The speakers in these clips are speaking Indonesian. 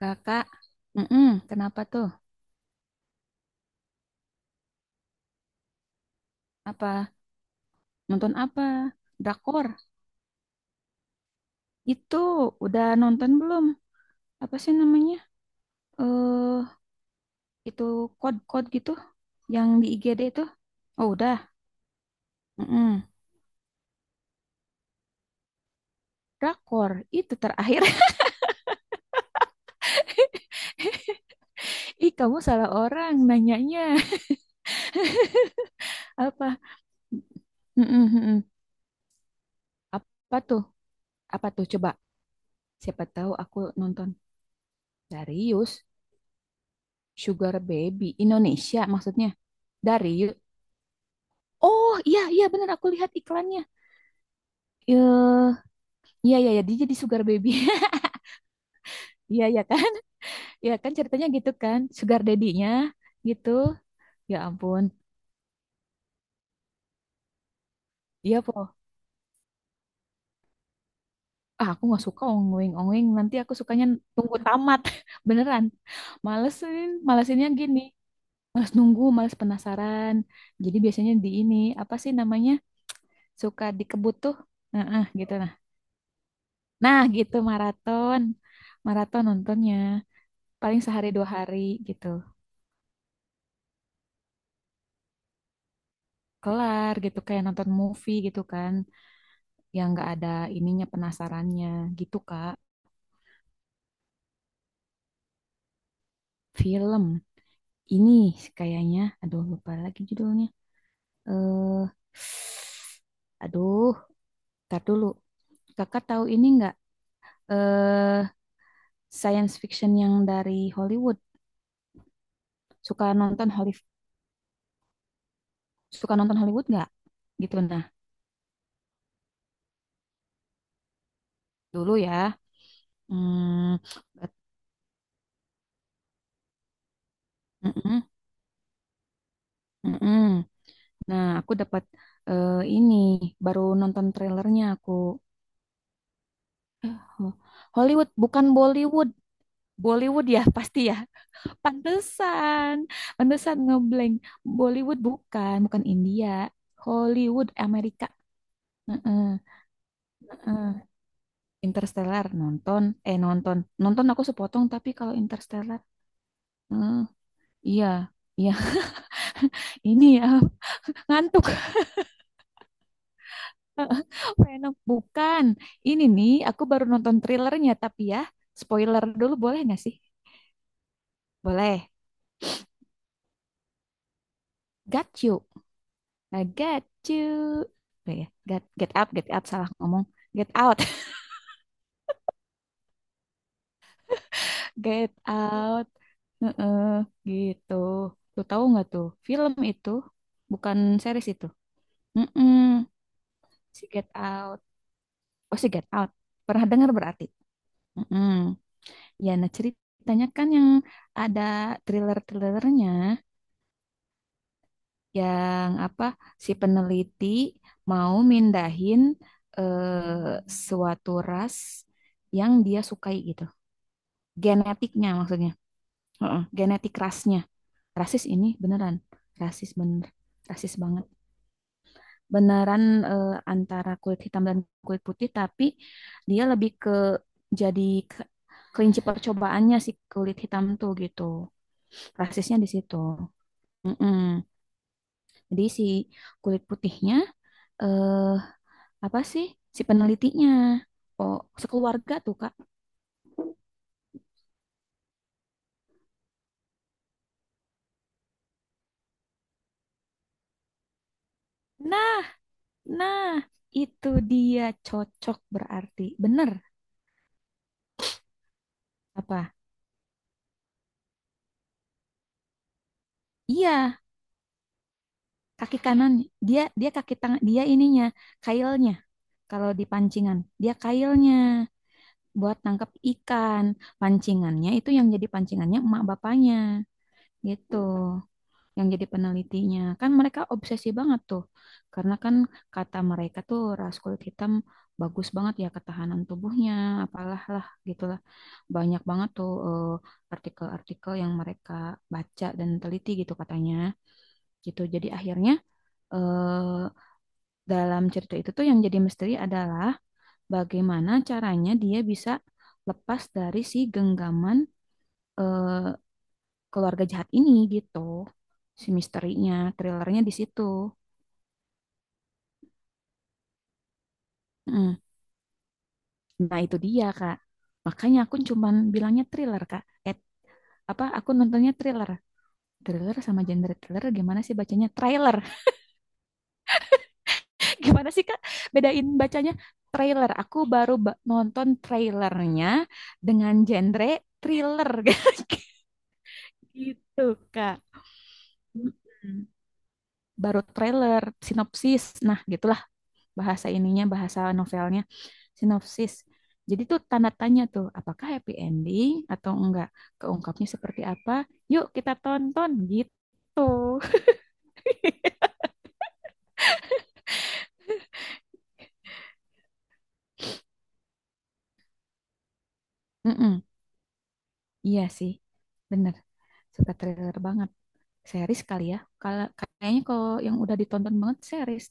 Kakak, kenapa tuh? Apa nonton apa? Drakor? Itu udah nonton belum? Apa sih namanya? Eh, itu kode-kode gitu yang di IGD itu? Oh, udah. mm Drakor itu terakhir. Ih, kamu salah orang nanyanya. Apa? Mm-mm, mm-mm. Apa tuh? Apa tuh? Coba. Siapa tahu aku nonton. Darius Sugar Baby Indonesia maksudnya. Darius. Oh, iya iya benar aku lihat iklannya. Eh, Iya, iya, ya, dia jadi sugar baby. Iya, iya kan? Iya kan ceritanya gitu kan? Sugar daddy-nya gitu. Ya ampun. Iya, po. Ah, aku nggak suka ongweng-ongweng. Nanti aku sukanya tunggu tamat. Beneran. Malesin, malesinnya gini. Males nunggu, males penasaran. Jadi biasanya di ini, apa sih namanya? Suka dikebut tuh. Heeh, gitu nah. Nah, gitu maraton. Maraton nontonnya. Paling sehari dua hari gitu kelar gitu kayak nonton movie gitu kan yang nggak ada ininya penasarannya gitu Kak. Film ini kayaknya, aduh lupa lagi judulnya. Eh, aduh, tar dulu. Kakak tahu ini nggak? Eh, science fiction yang dari Hollywood. Suka nonton Hollywood, suka nonton Hollywood nggak? Gitu nah, dulu ya. Hmm, bet- mm-mm, mm-mm. Nah, aku dapat ini baru nonton trailernya aku. Eh, Hollywood bukan Bollywood. Bollywood ya pasti ya. Pantesan. Pantesan ngeblank. Bollywood bukan, bukan India. Hollywood Amerika. Heeh, heeh. Interstellar nonton, nonton. Nonton aku sepotong tapi kalau Interstellar, heeh, iya. Iya, ini ya ngantuk. Heeh. Venom bukan. Ini nih aku baru nonton trailernya tapi ya spoiler dulu boleh nggak sih? Boleh. Got you. I got you. Boleh ya? Get, get up, get out salah ngomong. Get out. Get Out. Heeh, gitu. Tuh tahu nggak tuh? Film itu bukan series itu. Heeh, si Get Out. Oh, si Get Out. Pernah dengar berarti? Heeh. Ya, nah ceritanya kan yang ada thriller-thrillernya yang apa si peneliti mau mindahin eh, suatu ras yang dia sukai gitu. Genetiknya maksudnya. Heeh, genetik rasnya. Rasis ini beneran rasis bener rasis banget beneran antara kulit hitam dan kulit putih tapi dia lebih ke jadi ke- kelinci percobaannya si kulit hitam tuh gitu rasisnya di situ. Mm-mm. Jadi si kulit putihnya eh apa sih si penelitinya oh sekeluarga tuh Kak. Nah, nah itu dia cocok berarti bener apa iya kaki kanan dia dia kaki tangan dia ininya kailnya kalau di pancingan dia kailnya buat nangkap ikan pancingannya itu yang jadi pancingannya emak bapaknya gitu yang jadi penelitinya kan mereka obsesi banget tuh karena kan kata mereka tuh ras kulit hitam bagus banget ya ketahanan tubuhnya apalah lah gitulah banyak banget tuh artikel-artikel yang mereka baca dan teliti gitu katanya gitu jadi akhirnya eh dalam cerita itu tuh yang jadi misteri adalah bagaimana caranya dia bisa lepas dari si genggaman, eh, keluarga jahat ini gitu. Si misterinya, thrillernya di situ. Mm. Nah itu dia Kak. Makanya aku cuman bilangnya thriller Kak. Eh, apa aku nontonnya thriller. Thriller sama genre thriller gimana sih bacanya? Trailer. Gimana sih Kak? Bedain bacanya trailer. Aku baru nonton trailernya dengan genre thriller. Gitu, Kak. Mm-mm. Baru trailer, sinopsis. Nah, gitulah bahasa ininya, bahasa novelnya, sinopsis. Jadi tuh tanda tanya tuh, apakah happy ending atau enggak? Keungkapnya seperti apa? Yuk kita tonton gitu. Mm-mm. Iya sih, bener. Suka trailer banget. Series kali ya. Kalau kayaknya kalau yang udah ditonton banget series,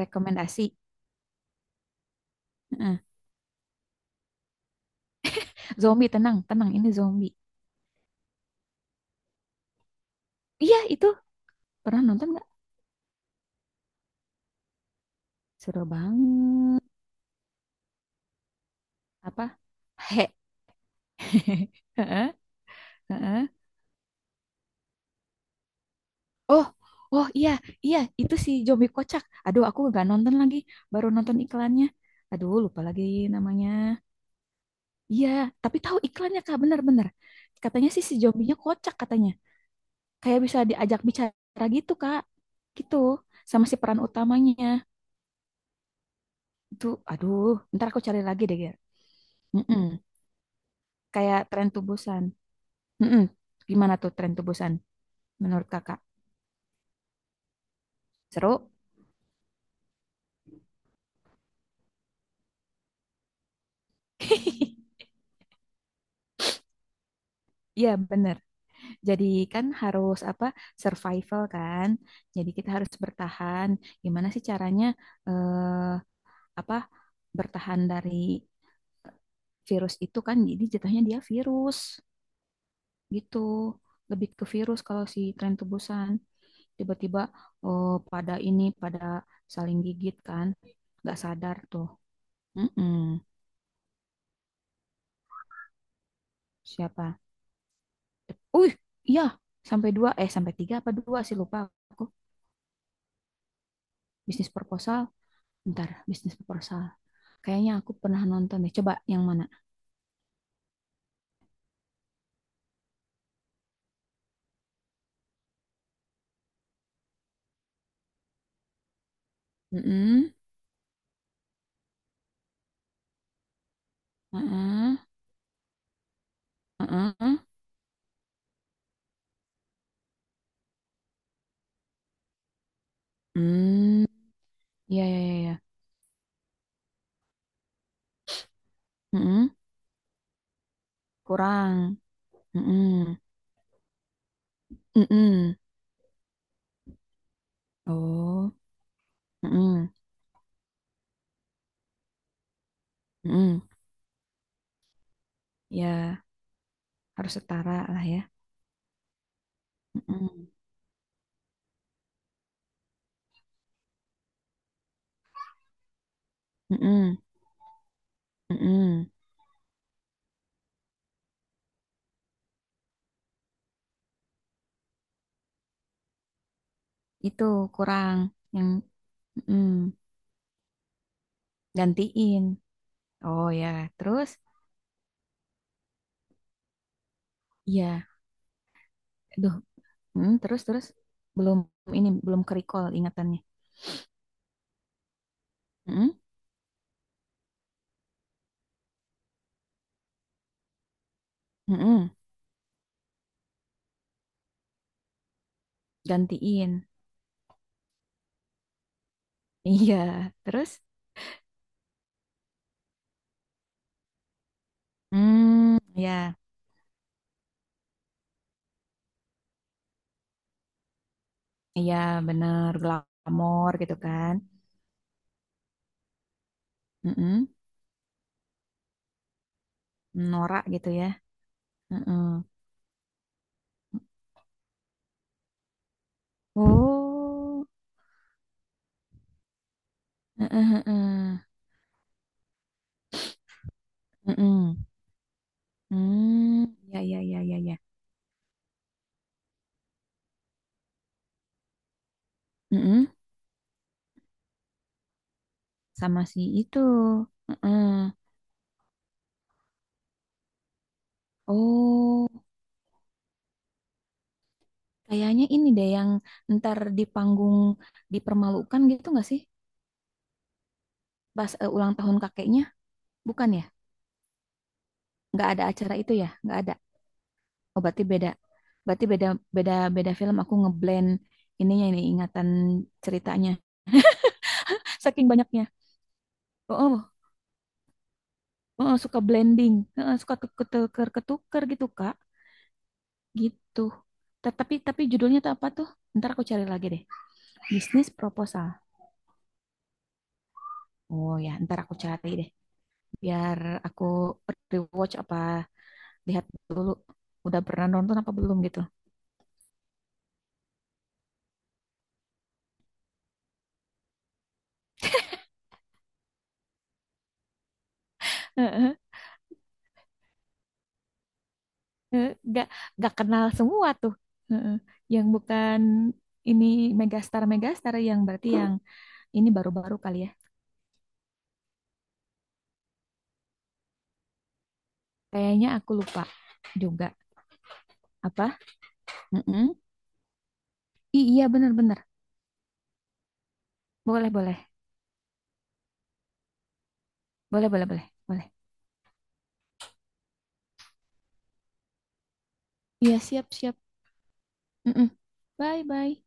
rekomendasi. Heeh. Zombie tenang, tenang ini zombie. Iya itu pernah nonton nggak? Seru banget. Apa? He. Heeh, heeh. Oh, oh iya, iya, itu si zombie kocak. Aduh, aku nggak nonton lagi, baru nonton iklannya. Aduh, lupa lagi namanya. Iya, tapi tahu iklannya Kak, bener-bener. Katanya sih si zombinya kocak katanya. Kayak bisa diajak bicara gitu, Kak. Gitu, sama si peran utamanya. Itu, aduh, ntar aku cari lagi deh, Ger. Mm-mm. Kayak tren tubusan. Mm-mm. Gimana tuh tren tubusan menurut Kakak? Seru? Iya, bener. Jadi kan harus apa survival kan. Jadi kita harus bertahan. Gimana sih caranya eh, apa bertahan dari virus itu kan? Jadi jatuhnya dia virus gitu. Lebih ke virus kalau si tren tebusan tiba-tiba oh, pada ini pada saling gigit kan. Nggak sadar tuh. Mm-mm. Siapa? Uh, iya sampai dua sampai tiga apa dua sih lupa aku. Bisnis proposal. Bentar, bisnis proposal. Kayaknya aku pernah nonton deh. Coba yang mana? Mm-mm. Heeh, heeh. Hmm, iya iya iya. Iya. Heeh. Kurang. Heeh. Heeh. Oh, heeh. Heeh. Ya, harus setara lah ya. Heeh. Heeh. Heeh. Itu kurang yang heeh. Gantiin. Oh ya, terus iya. Aduh, hmm, terus terus belum ini belum ke recall ingatannya. Heeh. Heeh. Gantiin. Iya, terus hmm, ya, iya bener glamor gitu kan. Mm-mm. Norak gitu ya. Mm-mm. Oh, heeh heeh. Mm-mm. Hmm, ya, ya, ya, ya, iya. Mm-mm. Sama si itu. Heeh. Oh, kayaknya ini deh yang ntar di panggung dipermalukan gitu nggak sih? Pas ulang tahun kakeknya, bukan ya? Nggak ada acara itu ya? Nggak ada. Oh, berarti beda. Berarti beda beda beda film aku ngeblend ininya ini ingatan ceritanya. Saking banyaknya. Oh, oh, oh, oh, suka blending. Heeh, suka ketuker-ketuker gitu, Kak. Gitu. Tapi judulnya tuh apa tuh? Ntar aku cari lagi deh. Bisnis proposal. Oh ya, ntar aku cari deh. Biar aku rewatch apa lihat dulu udah pernah nonton apa belum gitu. Eh, nggak nggak kenal semua tuh. Heeh. Yang bukan ini megastar megastar yang berarti yang ini baru-baru kali ya kayaknya aku lupa juga apa. Mm-mm. Iya benar-benar boleh boleh boleh boleh boleh boleh iya siap siap. Mm-mm. Bye bye.